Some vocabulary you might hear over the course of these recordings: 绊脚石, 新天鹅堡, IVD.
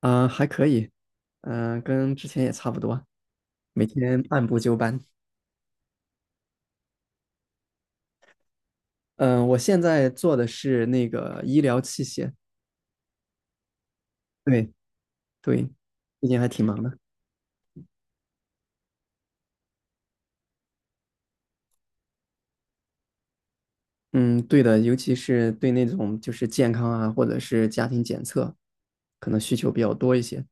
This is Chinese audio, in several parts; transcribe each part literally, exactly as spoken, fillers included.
啊、还可以，嗯、跟之前也差不多，每天按部就班。嗯、我现在做的是那个医疗器械，对对，最近还挺忙的。嗯，对的，尤其是对那种就是健康啊，或者是家庭检测，可能需求比较多一些。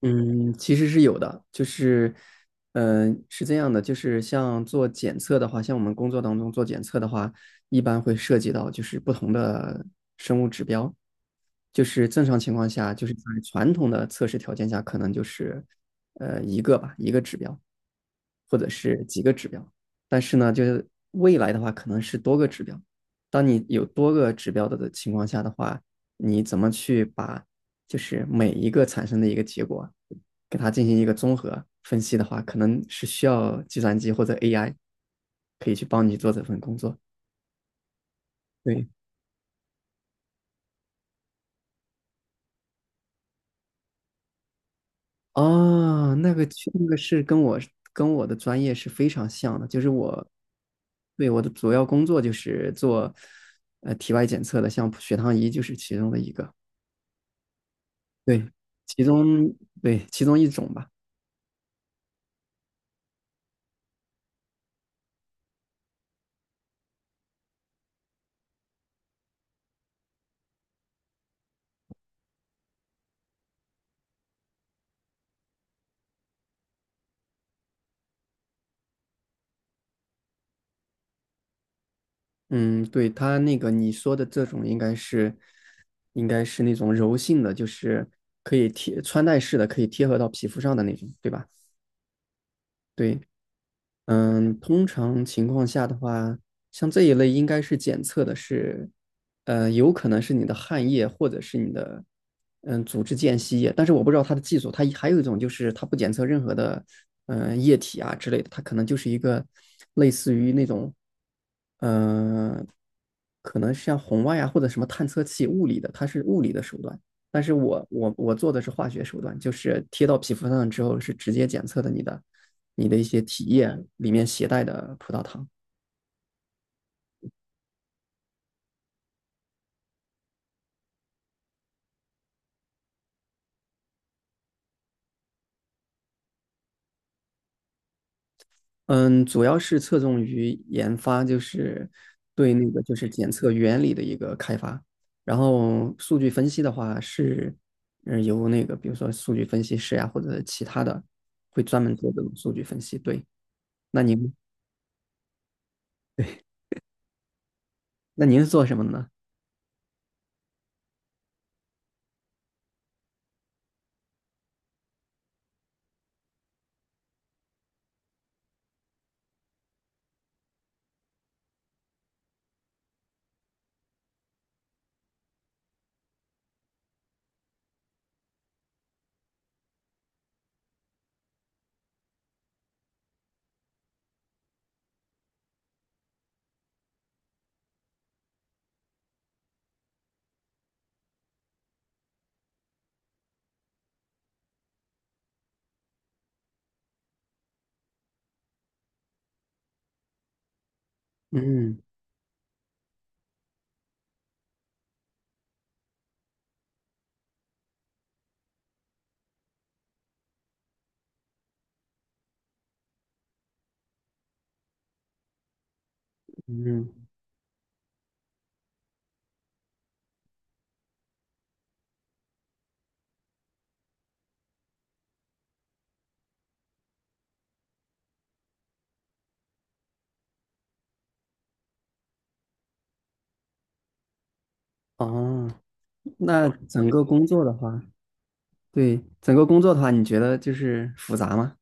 嗯，其实是有的，就是，嗯、是这样的，就是像做检测的话，像我们工作当中做检测的话，一般会涉及到就是不同的生物指标，就是正常情况下，就是在传统的测试条件下，可能就是，呃，一个吧，一个指标，或者是几个指标。但是呢，就是未来的话，可能是多个指标。当你有多个指标的的情况下的话，你怎么去把就是每一个产生的一个结果，给它进行一个综合分析的话，可能是需要计算机或者 A I 可以去帮你做这份工作。对，哦，那个去那个是跟我跟我的专业是非常像的，就是我对我的主要工作就是做呃体外检测的，像血糖仪就是其中的一个，对，其中对其中一种吧。嗯，对，它那个你说的这种应该是应该是那种柔性的，就是可以贴穿戴式的，可以贴合到皮肤上的那种，对吧？对，嗯，通常情况下的话，像这一类应该是检测的是，呃，有可能是你的汗液或者是你的，嗯，组织间隙液，但是我不知道它的技术，它还有一种就是它不检测任何的，嗯、液体啊之类的，它可能就是一个类似于那种，嗯、可能像红外啊或者什么探测器物理的，它是物理的手段，但是我我我做的是化学手段，就是贴到皮肤上之后是直接检测的你的你的一些体液里面携带的葡萄糖。嗯，主要是侧重于研发，就是对那个就是检测原理的一个开发。然后数据分析的话是，嗯，由那个比如说数据分析师呀、或者其他的会专门做这种数据分析。对，那您那您是做什么的呢？嗯嗯，哦，那整个工作的话。对，整个工作的话，你觉得就是复杂吗？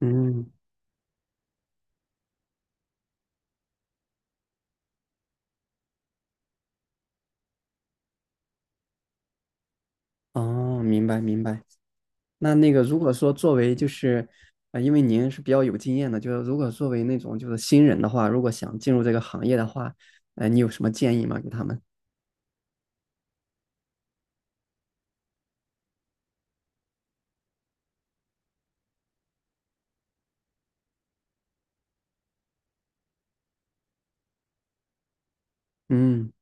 嗯，哦，明白明白。那那个，如果说作为就是，啊，因为您是比较有经验的，就是如果作为那种就是新人的话，如果想进入这个行业的话，呃，你有什么建议吗？给他们？嗯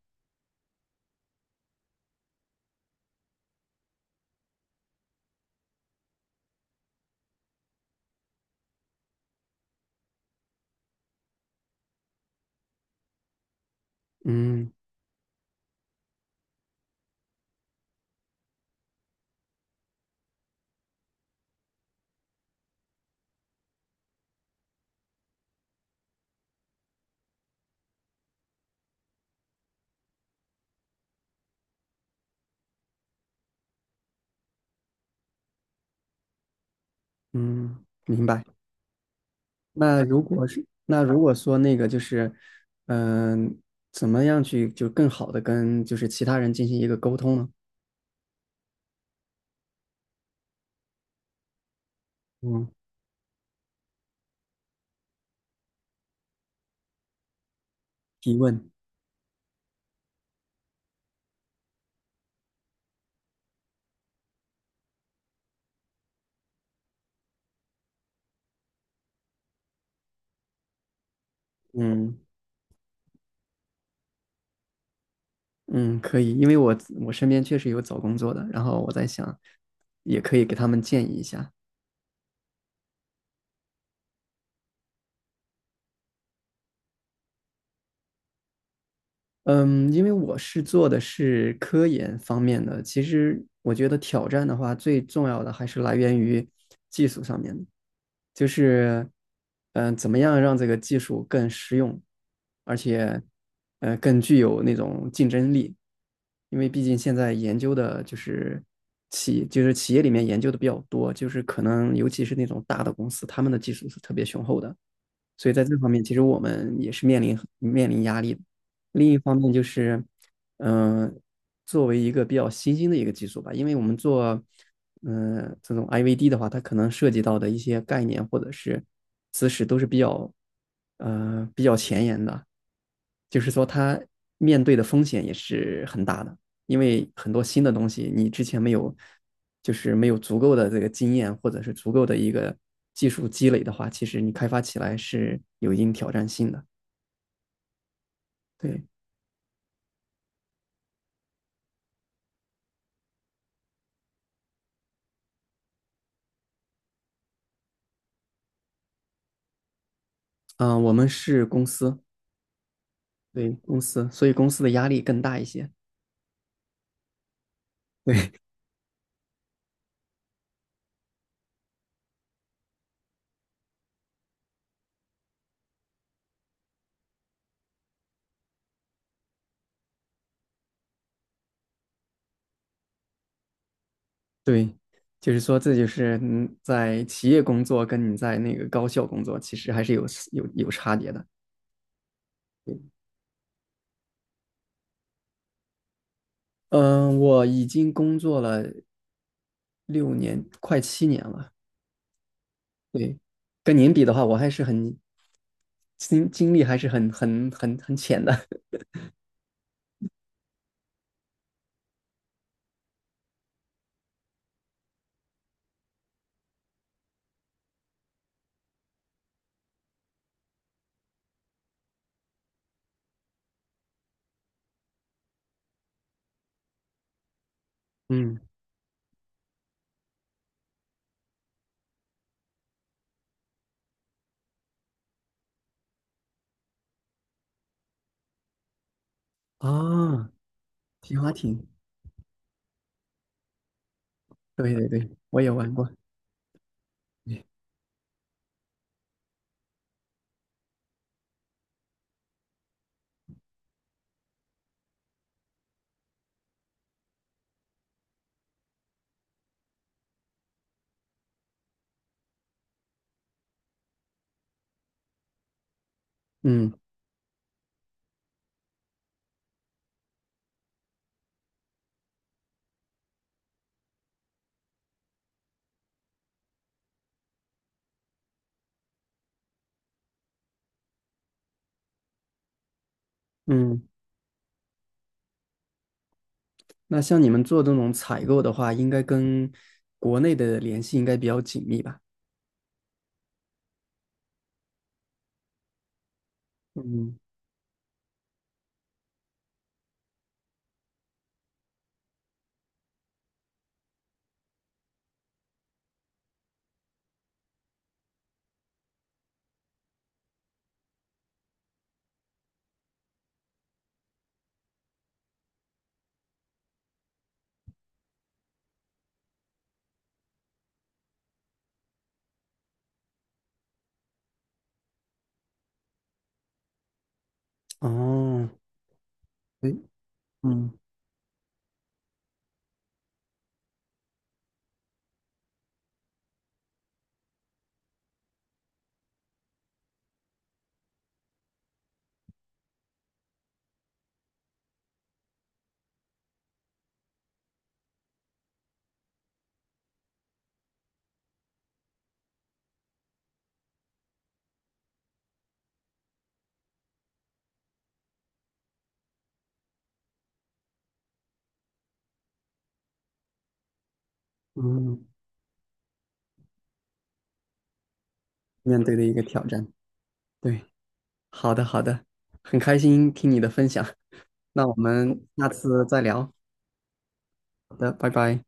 嗯嗯，明白。那如果是那如果说那个就是，嗯、怎么样去就更好的跟就是其他人进行一个沟通呢？嗯，提问。嗯。嗯，可以，因为我我身边确实有找工作的，然后我在想，也可以给他们建议一下。嗯，因为我是做的是科研方面的，其实我觉得挑战的话，最重要的还是来源于技术上面的，就是嗯、呃怎么样让这个技术更实用，而且呃更具有那种竞争力，因为毕竟现在研究的就是企就是企业里面研究的比较多，就是可能尤其是那种大的公司，他们的技术是特别雄厚的。所以在这方面，其实我们也是面临面临压力的。另一方面就是，嗯、作为一个比较新兴的一个技术吧，因为我们做，嗯、这种 I V D 的话，它可能涉及到的一些概念或者是知识都是比较，呃，比较前沿的。就是说它面对的风险也是很大的，因为很多新的东西你之前没有，就是没有足够的这个经验或者是足够的一个技术积累的话，其实你开发起来是有一定挑战性的。对，嗯，呃我们是公司，对公司，所以公司的压力更大一些。对对，就是说这就是嗯，在企业工作跟你在那个高校工作其实还是有有有差别的。嗯，呃我已经工作了六年，快七年了。对，跟您比的话，我还是很经经历还是很很很很浅的。嗯，啊，皮划艇，对对对，我也玩过。对嗯嗯，那像你们做这种采购的话，应该跟国内的联系应该比较紧密吧？嗯，哦，对，嗯嗯，面对的一个挑战。对，好的好的，很开心听你的分享。那我们下次再聊。好的，拜拜。